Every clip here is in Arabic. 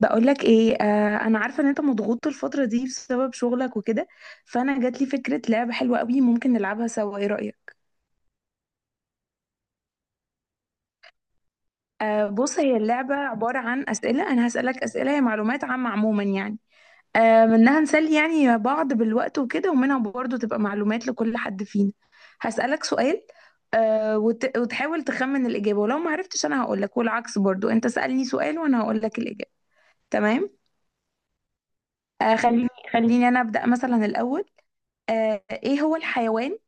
بقولك ايه، انا عارفه ان انت مضغوط الفتره دي بسبب شغلك وكده. فانا جات لي فكره لعبه حلوه قوي، ممكن نلعبها سوا. ايه رايك؟ آه، بص، هي اللعبه عباره عن اسئله. انا هسالك اسئله، هي معلومات عامه عموما يعني. آه، منها نسلي يعني بعض بالوقت وكده، ومنها برضه تبقى معلومات لكل حد فينا. هسالك سؤال. وتحاول تخمن الاجابه، ولو ما عرفتش انا هقولك، والعكس برضه، انت سالني سؤال وانا هقولك الاجابه. تمام. آه، خليني، خليني انا ابدا مثلا الاول. آه، ايه هو الحيوان،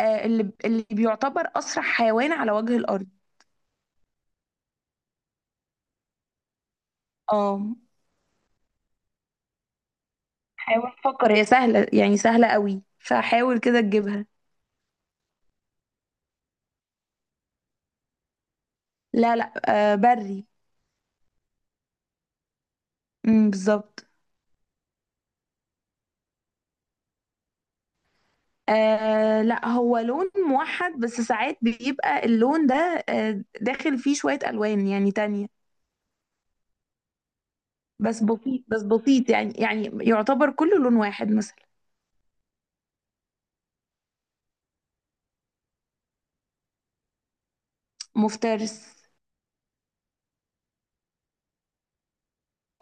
اللي بيعتبر أسرع حيوان على وجه الأرض؟ اه. حاول فكر، هي سهلة يعني، سهلة قوي، فحاول كده تجيبها. لا، لا. آه، بري. امم، بالظبط. آه، لا، هو لون موحد، بس ساعات بيبقى اللون ده داخل فيه شوية ألوان يعني تانية. بس بسيط، بس بسيط، يعني يعتبر كله لون واحد مثلا. مفترس.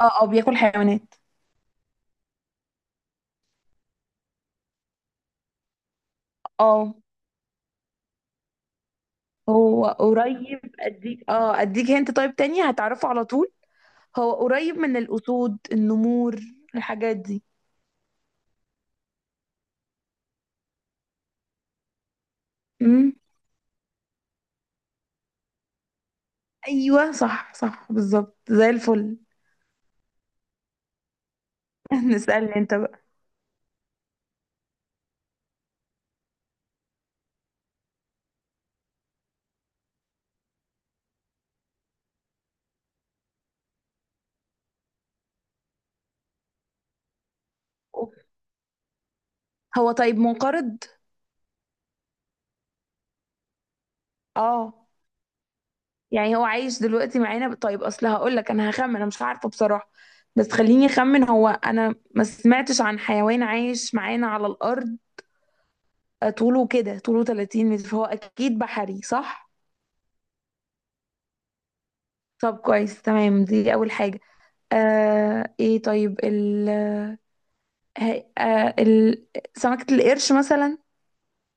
اه، اه، بياكل حيوانات. اه. هو قريب، اديك هنت، طيب، تاني هتعرفه على طول. هو قريب من الأسود، النمور، الحاجات دي. امم. أيوة، صح، صح، بالظبط، زي الفل. نسألني أنت بقى. هو طيب منقرض؟ اه. يعني هو عايش دلوقتي معانا، طيب أصل هقول لك، أنا هخمن، أنا مش عارفة بصراحة. بس خليني أخمن، هو أنا ما سمعتش عن حيوان عايش معانا على الأرض طوله 30 متر، فهو أكيد بحري، صح؟ طب كويس، تمام، دي أول حاجة. آه إيه طيب ال هي- آه، ال- سمكة القرش مثلا،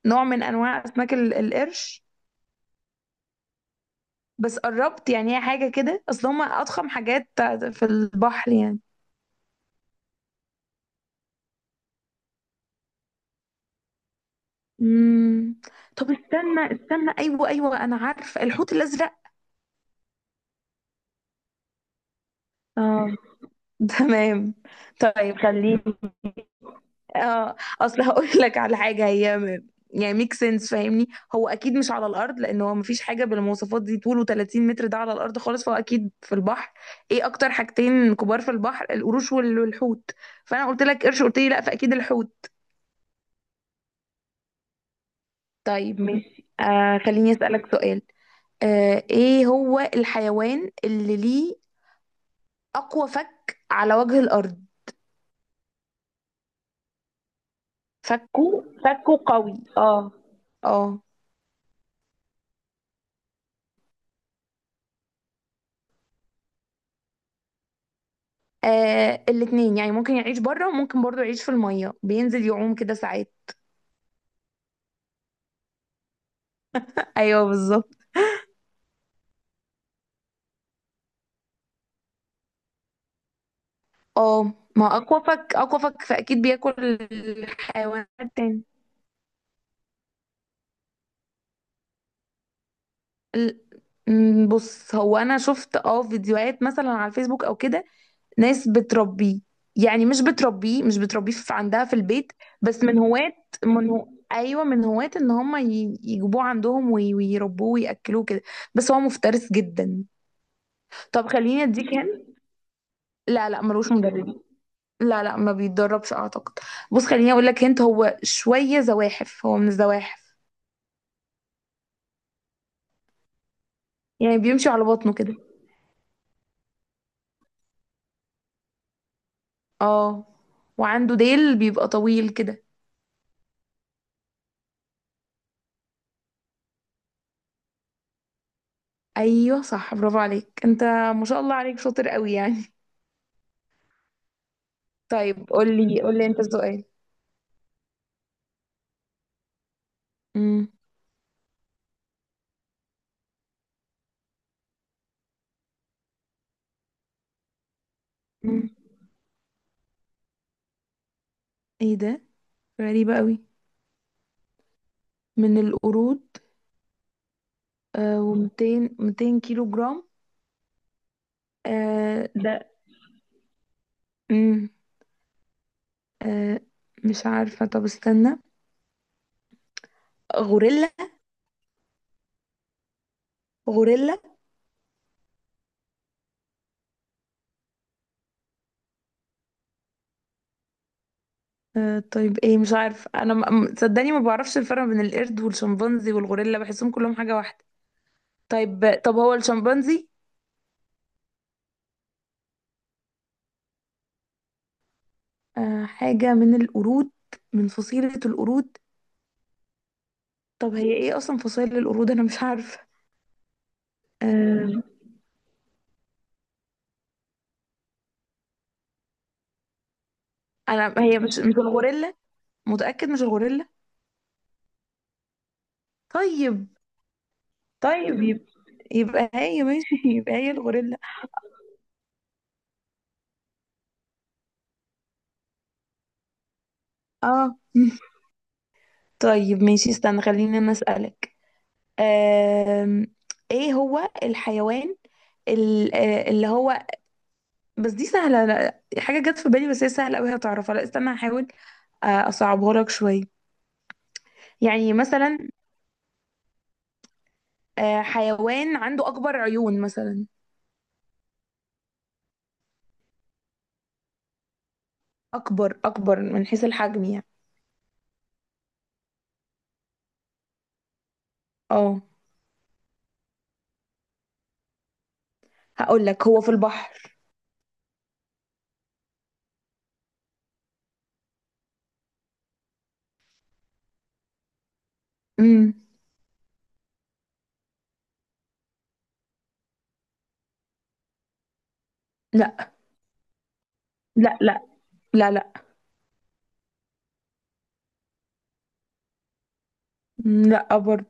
نوع من أنواع أسماك القرش. بس قربت يعني، هي حاجة كده، أصل هما أضخم حاجات في البحر يعني. مم. طب، استنى، استنى، أيوه، أيوه، أنا عارفة، الحوت الأزرق. اه. تمام. طيب خليني، اه اصل هقول لك على حاجه يعني ميك سنس، فاهمني؟ هو اكيد مش على الارض، لان هو مفيش حاجه بالمواصفات دي طوله 30 متر ده على الارض خالص، فهو اكيد في البحر. ايه اكتر حاجتين كبار في البحر؟ القروش والحوت. فانا قلت لك قرش، قلت لي لا، فاكيد الحوت. طيب، ماشي، خليني اسالك سؤال. آه، ايه هو الحيوان اللي ليه اقوى فك على وجه الارض؟ فكه، فكه قوي، اه. اه. آه، الاتنين يعني، ممكن يعيش بره وممكن برضو يعيش في المية، بينزل يعوم كده ساعات. ايوه، بالظبط. اه، ما اكوافك اكوافك، فاكيد بياكل الحيوانات تاني. ال- م، بص، هو انا شفت فيديوهات مثلا على الفيسبوك او كده، ناس بتربيه. يعني مش بتربيه في عندها في البيت، بس من هواة. من هو ايوه، من هواة ان هم يجيبوه عندهم ويربوه وياكلوه كده. بس هو مفترس جدا. طب خليني اديك هنا. لا، لا، ملوش مدرب. لا، لا، ما بيتدربش اعتقد. بص، خليني اقول لك انت، هو شويه زواحف، هو من الزواحف. يعني بيمشي على بطنه كده. اه. وعنده ديل بيبقى طويل كده. ايوه، صح، برافو عليك انت. ما شاء الله عليك، شاطر قوي يعني. طيب، قول لي، قول لي انت السؤال. امم. أمم. ايه ده؟ غريبه قوي. من القرود. آه و200 200 كيلو جرام. آه ده امم آه مش عارفه، طب استنى. غوريلا. غوريلا. آه، طيب، ايه، مش عارف انا صدقني، ما بعرفش الفرق بين القرد والشمبانزي والغوريلا، بحسهم كلهم حاجة واحدة. طيب، طب، هو الشمبانزي؟ آه، حاجة من القرود، من فصيلة القرود. طب هي ايه اصلا فصيلة القرود، انا مش عارفة. آه، انا، هي مش الغوريلا، متأكد مش الغوريلا. طيب. طيب يبقى، يبقى هي، ماشي، يبقى هي الغوريلا. اه. طيب، ماشي، استنى، خليني انا اسألك. آم، ايه هو الحيوان اللي هو، بس دي سهلة، لا حاجة جت في بالي، بس هي سهلة أوي هتعرفها، لا استنى هحاول. آه، أصعبها لك شوية. يعني مثلا، آه، حيوان عنده أكبر عيون مثلا. أكبر، أكبر من حيث الحجم يعني. اه. هقول لك هو في البحر. امم. لا. لا، لا. لا، لا. مم، لا برضو.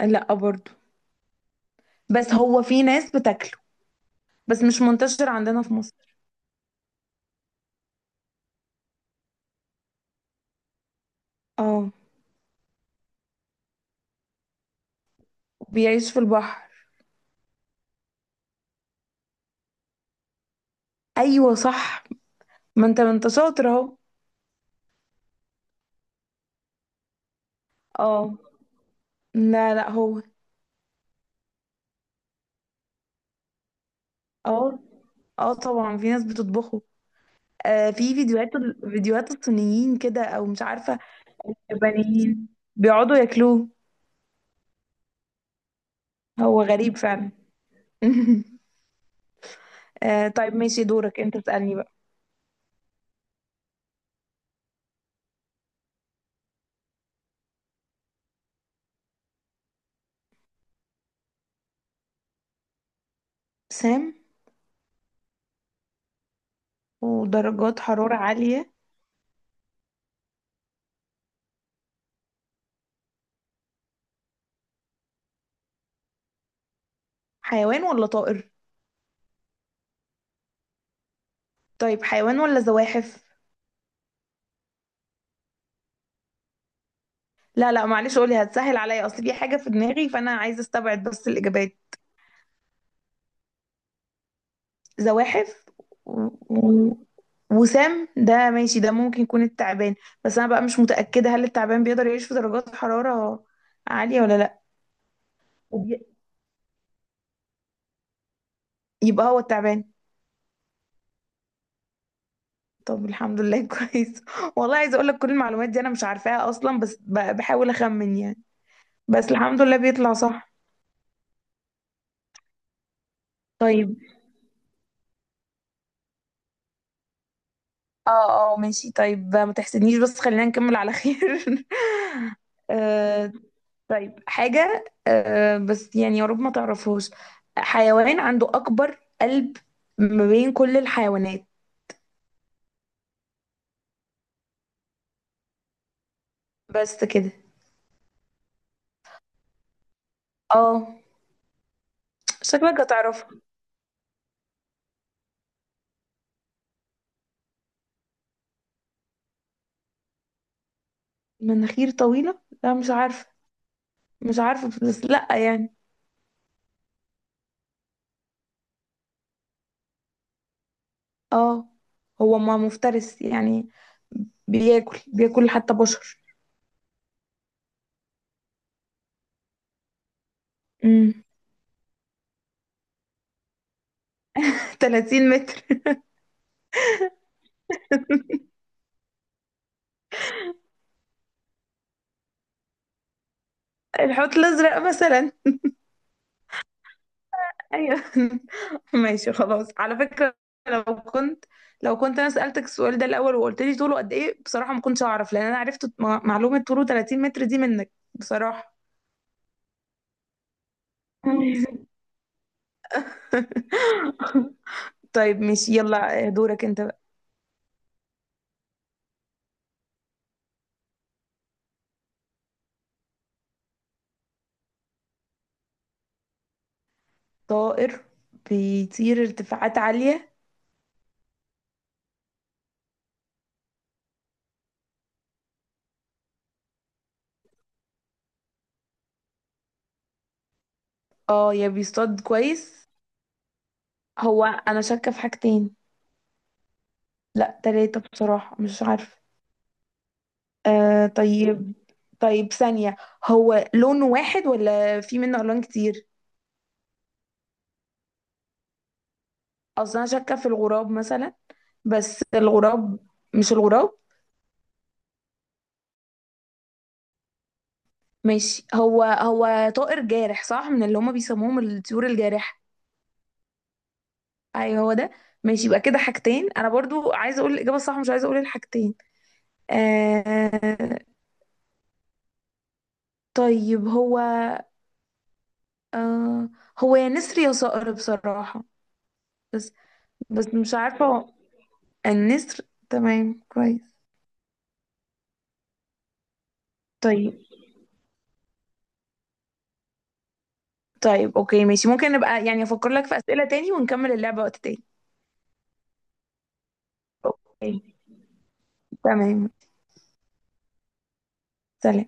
لا برضو. بس هو في ناس بتاكله، بس مش منتشر عندنا في مصر. اه. بيعيش في البحر. أيوة، صح. ما انت شاطر اهو. اه. لا، لا، هو. اه، اه، طبعا في ناس بتطبخه. في فيديوهات الصينيين كده او مش عارفه، يابانيين، بيقعدوا ياكلوه. هو غريب فعلا. آه، طيب، ماشي، دورك انت تسألني بقى. سام. ودرجات حرارة عالية. حيوان ولا طائر؟ طيب، حيوان ولا زواحف؟ لا، لا، معلش، قولي، هتسهل عليا، اصل في حاجة في دماغي فانا عايزة استبعد بس الإجابات. زواحف. و- و- وسام ده ماشي، ده ممكن يكون التعبان. بس انا بقى مش متأكدة، هل التعبان بيقدر يعيش في درجات حرارة عالية ولا لا. وبي- يبقى هو التعبان. طب الحمد لله، كويس. والله عايزة اقول لك كل المعلومات دي انا مش عارفاها اصلا، بس بحاول اخمن يعني، بس الحمد لله بيطلع صح. طيب، اه، اه، ماشي، طيب، ما تحسدنيش بس خلينا نكمل على خير. آه، طيب، حاجة، بس يعني يا رب ما تعرفوش. حيوان عنده أكبر قلب ما بين كل الحيوانات. بس كده. اه. شكلك هتعرفها. مناخير طويلة، لا مش عارفة. مش عارفة بس لأ يعني. اه. هو ما مفترس يعني، بياكل، بياكل حتى بشر. امم. 30 متر. الحوت الأزرق مثلا. ايوه. ماشي خلاص. على فكرة، لو كنت لو كنت انا سألتك السؤال ده الاول وقلت لي طوله قد ايه، بصراحة ما كنتش اعرف، لان انا عرفت معلومة طوله 30 متر دي منك بصراحة. طيب، ماشي، يلا، دورك انت بقى. طائر بيطير ارتفاعات عالية. اه. يا بيصطاد كويس. هو انا شاكة في حاجتين، لا تلاتة بصراحة، مش عارفة. آه، طيب. طيب، ثانية، هو لون واحد ولا في منه ألوان كتير؟ اصل انا شاكه في الغراب مثلا، بس الغراب، مش الغراب. ماشي، هو طائر جارح صح، من اللي هما بيسموهم الطيور الجارحه. اي هو ده. ماشي، يبقى كده حاجتين، انا برضو عايزه اقول الاجابه الصح، مش عايزه اقول الحاجتين. آه، طيب، هو، آه، هو يا نسر يا صقر بصراحه. بس بس مش عارفه، هو النسر. تمام، كويس. طيب. طيب، اوكي، ماشي، ممكن نبقى يعني افكر لك في اسئله تاني ونكمل اللعبه وقت تاني. اوكي. تمام. سلام.